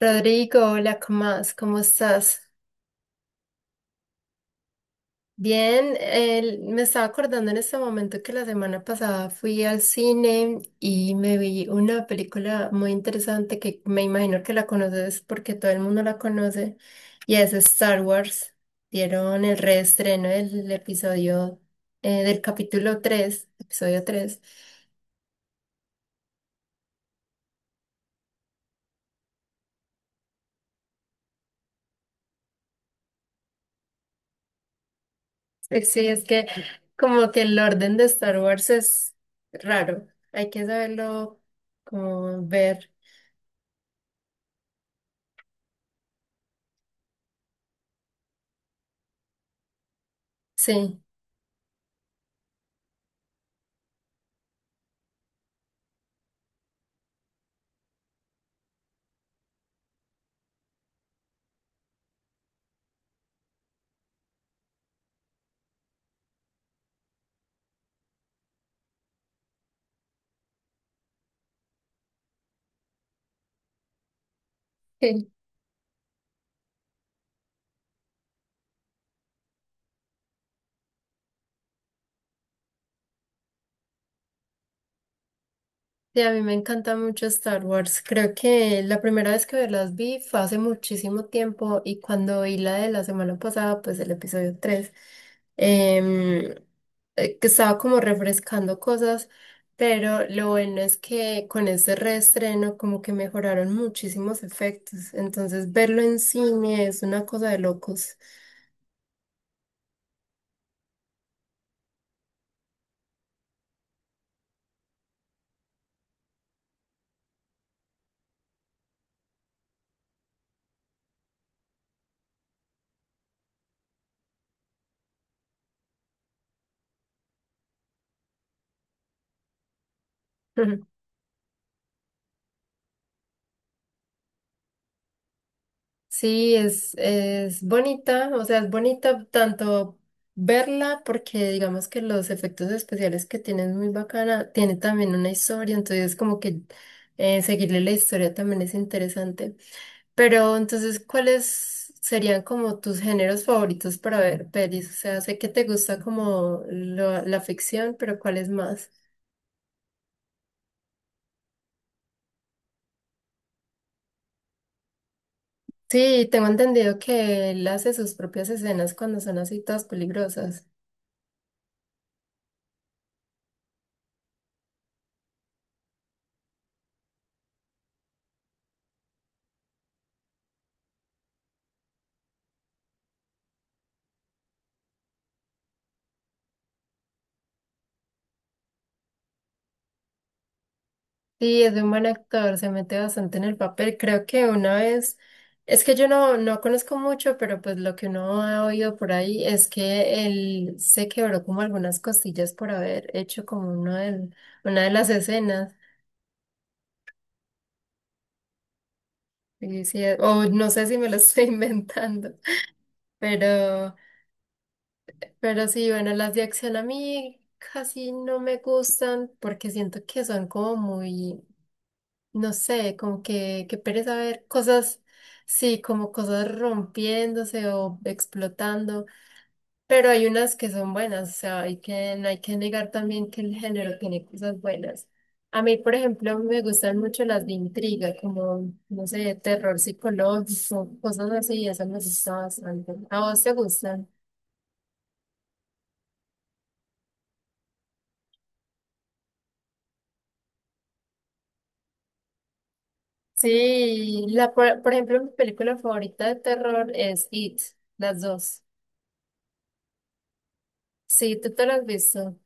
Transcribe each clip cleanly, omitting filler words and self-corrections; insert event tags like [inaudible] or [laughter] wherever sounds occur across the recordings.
Rodrigo, hola, ¿cómo más? ¿Cómo estás? Bien, me estaba acordando en este momento que la semana pasada fui al cine y me vi una película muy interesante que me imagino que la conoces porque todo el mundo la conoce y es Star Wars. Dieron el reestreno del episodio, del capítulo 3, episodio 3. Sí, sí, es que como que el orden de Star Wars es raro, hay que saberlo como ver. Sí, sí, sí, a mí me encanta mucho Star Wars. Creo que la primera vez que las vi fue hace muchísimo tiempo y cuando vi la de la semana pasada, pues el episodio 3, em, que estaba como refrescando cosas, pero lo bueno es que con este reestreno como que mejoraron muchísimos efectos, entonces verlo en cine es una cosa de locos. [laughs] Sí, es bonita, o sea, es bonita tanto verla porque digamos que los efectos especiales que tiene es muy bacana, tiene también una historia, entonces como que seguirle la historia también es interesante. Pero entonces, ¿cuáles serían como tus géneros favoritos para ver pelis? O sea, sé que te gusta como la ficción, pero ¿cuáles más? Sí, tengo entendido que él hace sus propias escenas cuando son así todas peligrosas. Sí, es un buen actor, se mete bastante en el papel. Creo que una vez, es que yo no, no conozco mucho, pero pues lo que uno ha oído por ahí es que él se quebró como algunas costillas por haber hecho como una de las escenas. Y sí, o no sé si me lo estoy [laughs] inventando, pero, pero sí, bueno, las de acción a mí casi no me gustan porque siento que son como muy... no sé, como que pereza ver cosas, sí, como cosas rompiéndose o explotando, pero hay unas que son buenas, o sea, hay que, no hay que negar también que el género tiene cosas buenas. A mí, por ejemplo, me gustan mucho las de intriga, como, no sé, terror psicológico, cosas así, eso me gusta bastante. ¿A vos te gustan? Sí, la, por ejemplo, mi película favorita de terror es It, las dos. Sí, tú te las has visto.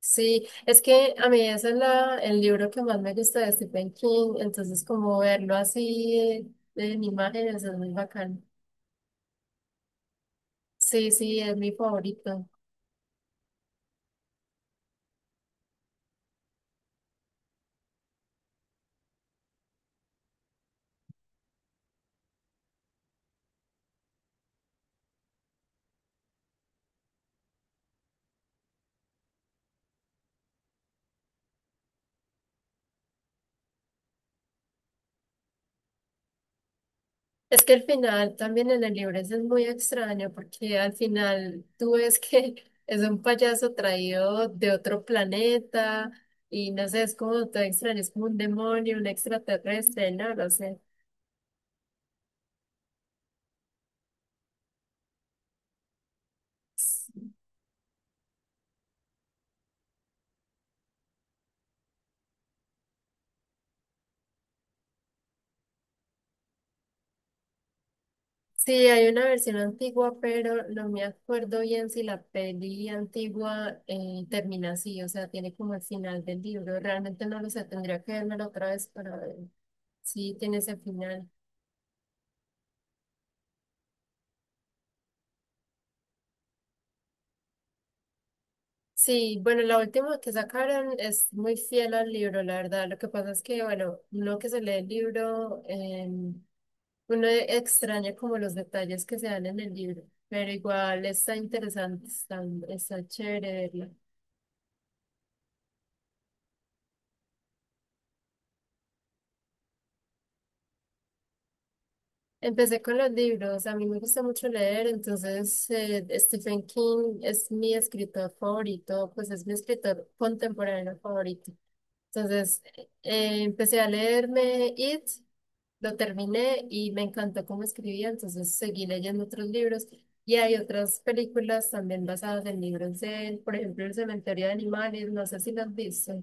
Sí, es que a mí ese es la, el libro que más me gusta de Stephen King, entonces como verlo así en imágenes es muy bacán. Sí, sí, es mi favorito. Es que el final también en el libro ese es muy extraño porque al final tú ves que [laughs] es un payaso traído de otro planeta y no sé, es como todo extraño, es como un demonio, un extraterrestre, no lo sé. Sí, hay una versión antigua, pero no me acuerdo bien si la peli antigua termina así, o sea, tiene como el final del libro. Realmente no lo sé, tendría que vérmelo otra vez para ver si tiene ese final. Sí, bueno, la última que sacaron es muy fiel al libro, la verdad. Lo que pasa es que, bueno, uno que se lee el libro, uno extraña como los detalles que se dan en el libro, pero igual está interesante, está, está chévere verla. Empecé con los libros, a mí me gusta mucho leer, entonces Stephen King es mi escritor favorito, pues es mi escritor contemporáneo favorito. Entonces empecé a leerme It, lo terminé y me encantó cómo escribía, entonces seguí leyendo otros libros y hay otras películas también basadas en libros de él, por ejemplo El Cementerio de Animales, no sé si las has visto.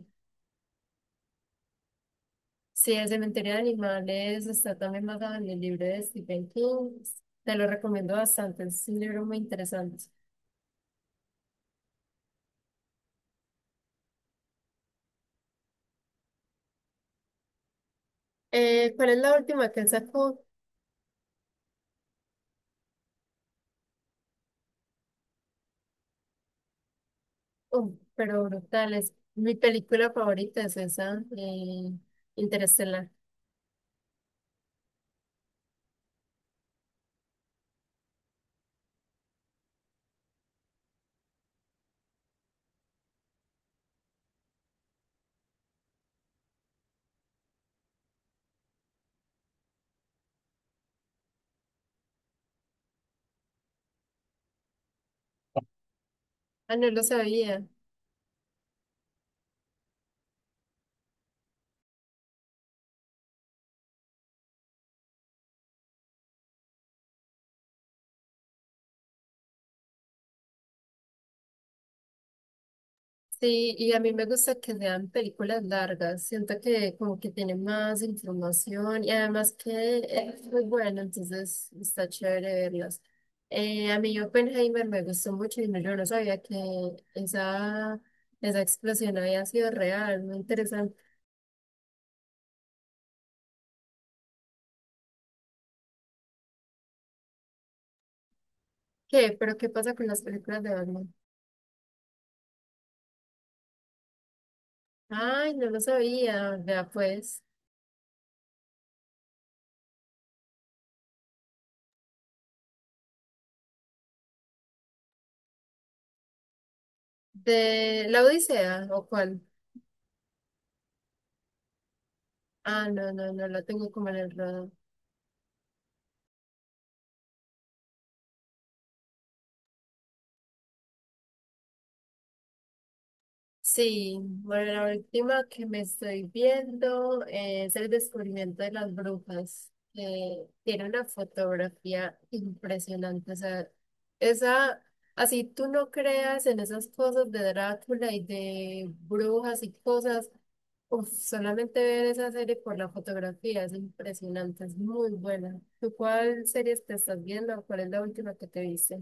Sí, el cementerio de animales está también basado en el libro de Stephen King. Te lo recomiendo bastante, es un libro muy interesante. ¿Cuál es la última que él sacó? Oh, pero brutal, es mi película favorita, es esa, Interestelar. Ah, no lo sabía. Sí, y a mí me gusta que sean películas largas, siento que como que tiene más información y además que es muy bueno, entonces está chévere verlas. A mí Oppenheimer me gustó mucho y no, yo no sabía que esa, esa explosión había sido real, muy interesante. ¿Qué? ¿Pero qué pasa con las películas de Batman? Ay, no lo sabía, vea pues. ¿De La Odisea o cuál? Ah, no, no, no la tengo como en el radar. Sí, bueno, la última que me estoy viendo es el descubrimiento de las brujas, que tiene una fotografía impresionante. O sea, esa, así tú no creas en esas cosas de Drácula y de brujas y cosas, uf, solamente ver esa serie por la fotografía es impresionante, es muy buena. ¿Tú cuál serie te estás viendo? ¿Cuál es la última que te viste?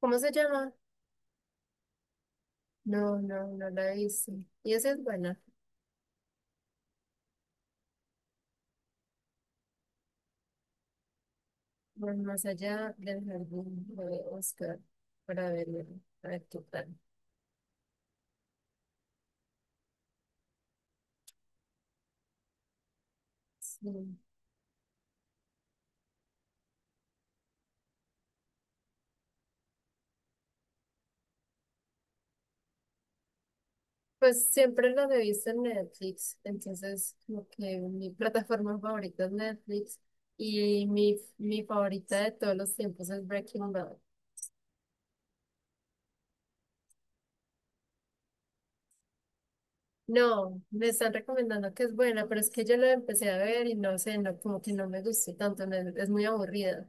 ¿Cómo se llama? No, no, no la he visto. Y esa es buena. Pues más allá del jardín, voy a buscar para verlo, a ver qué tal. Sí. Pues siempre lo he visto en Netflix, entonces como que mi plataforma favorita es Netflix y mi favorita de todos los tiempos es Breaking Bad. No, me están recomendando que es buena, pero es que yo la empecé a ver y no sé, no, como que no me gustó tanto, es muy aburrida.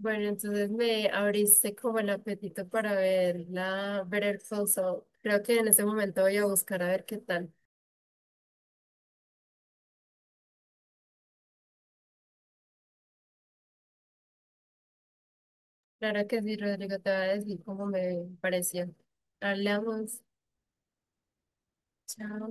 Bueno, entonces me abriste como el apetito para ver la Better Call Saul. Creo que en ese momento voy a buscar a ver qué tal. Claro que sí, Rodrigo, te voy a decir cómo me pareció. Hablamos. Chao.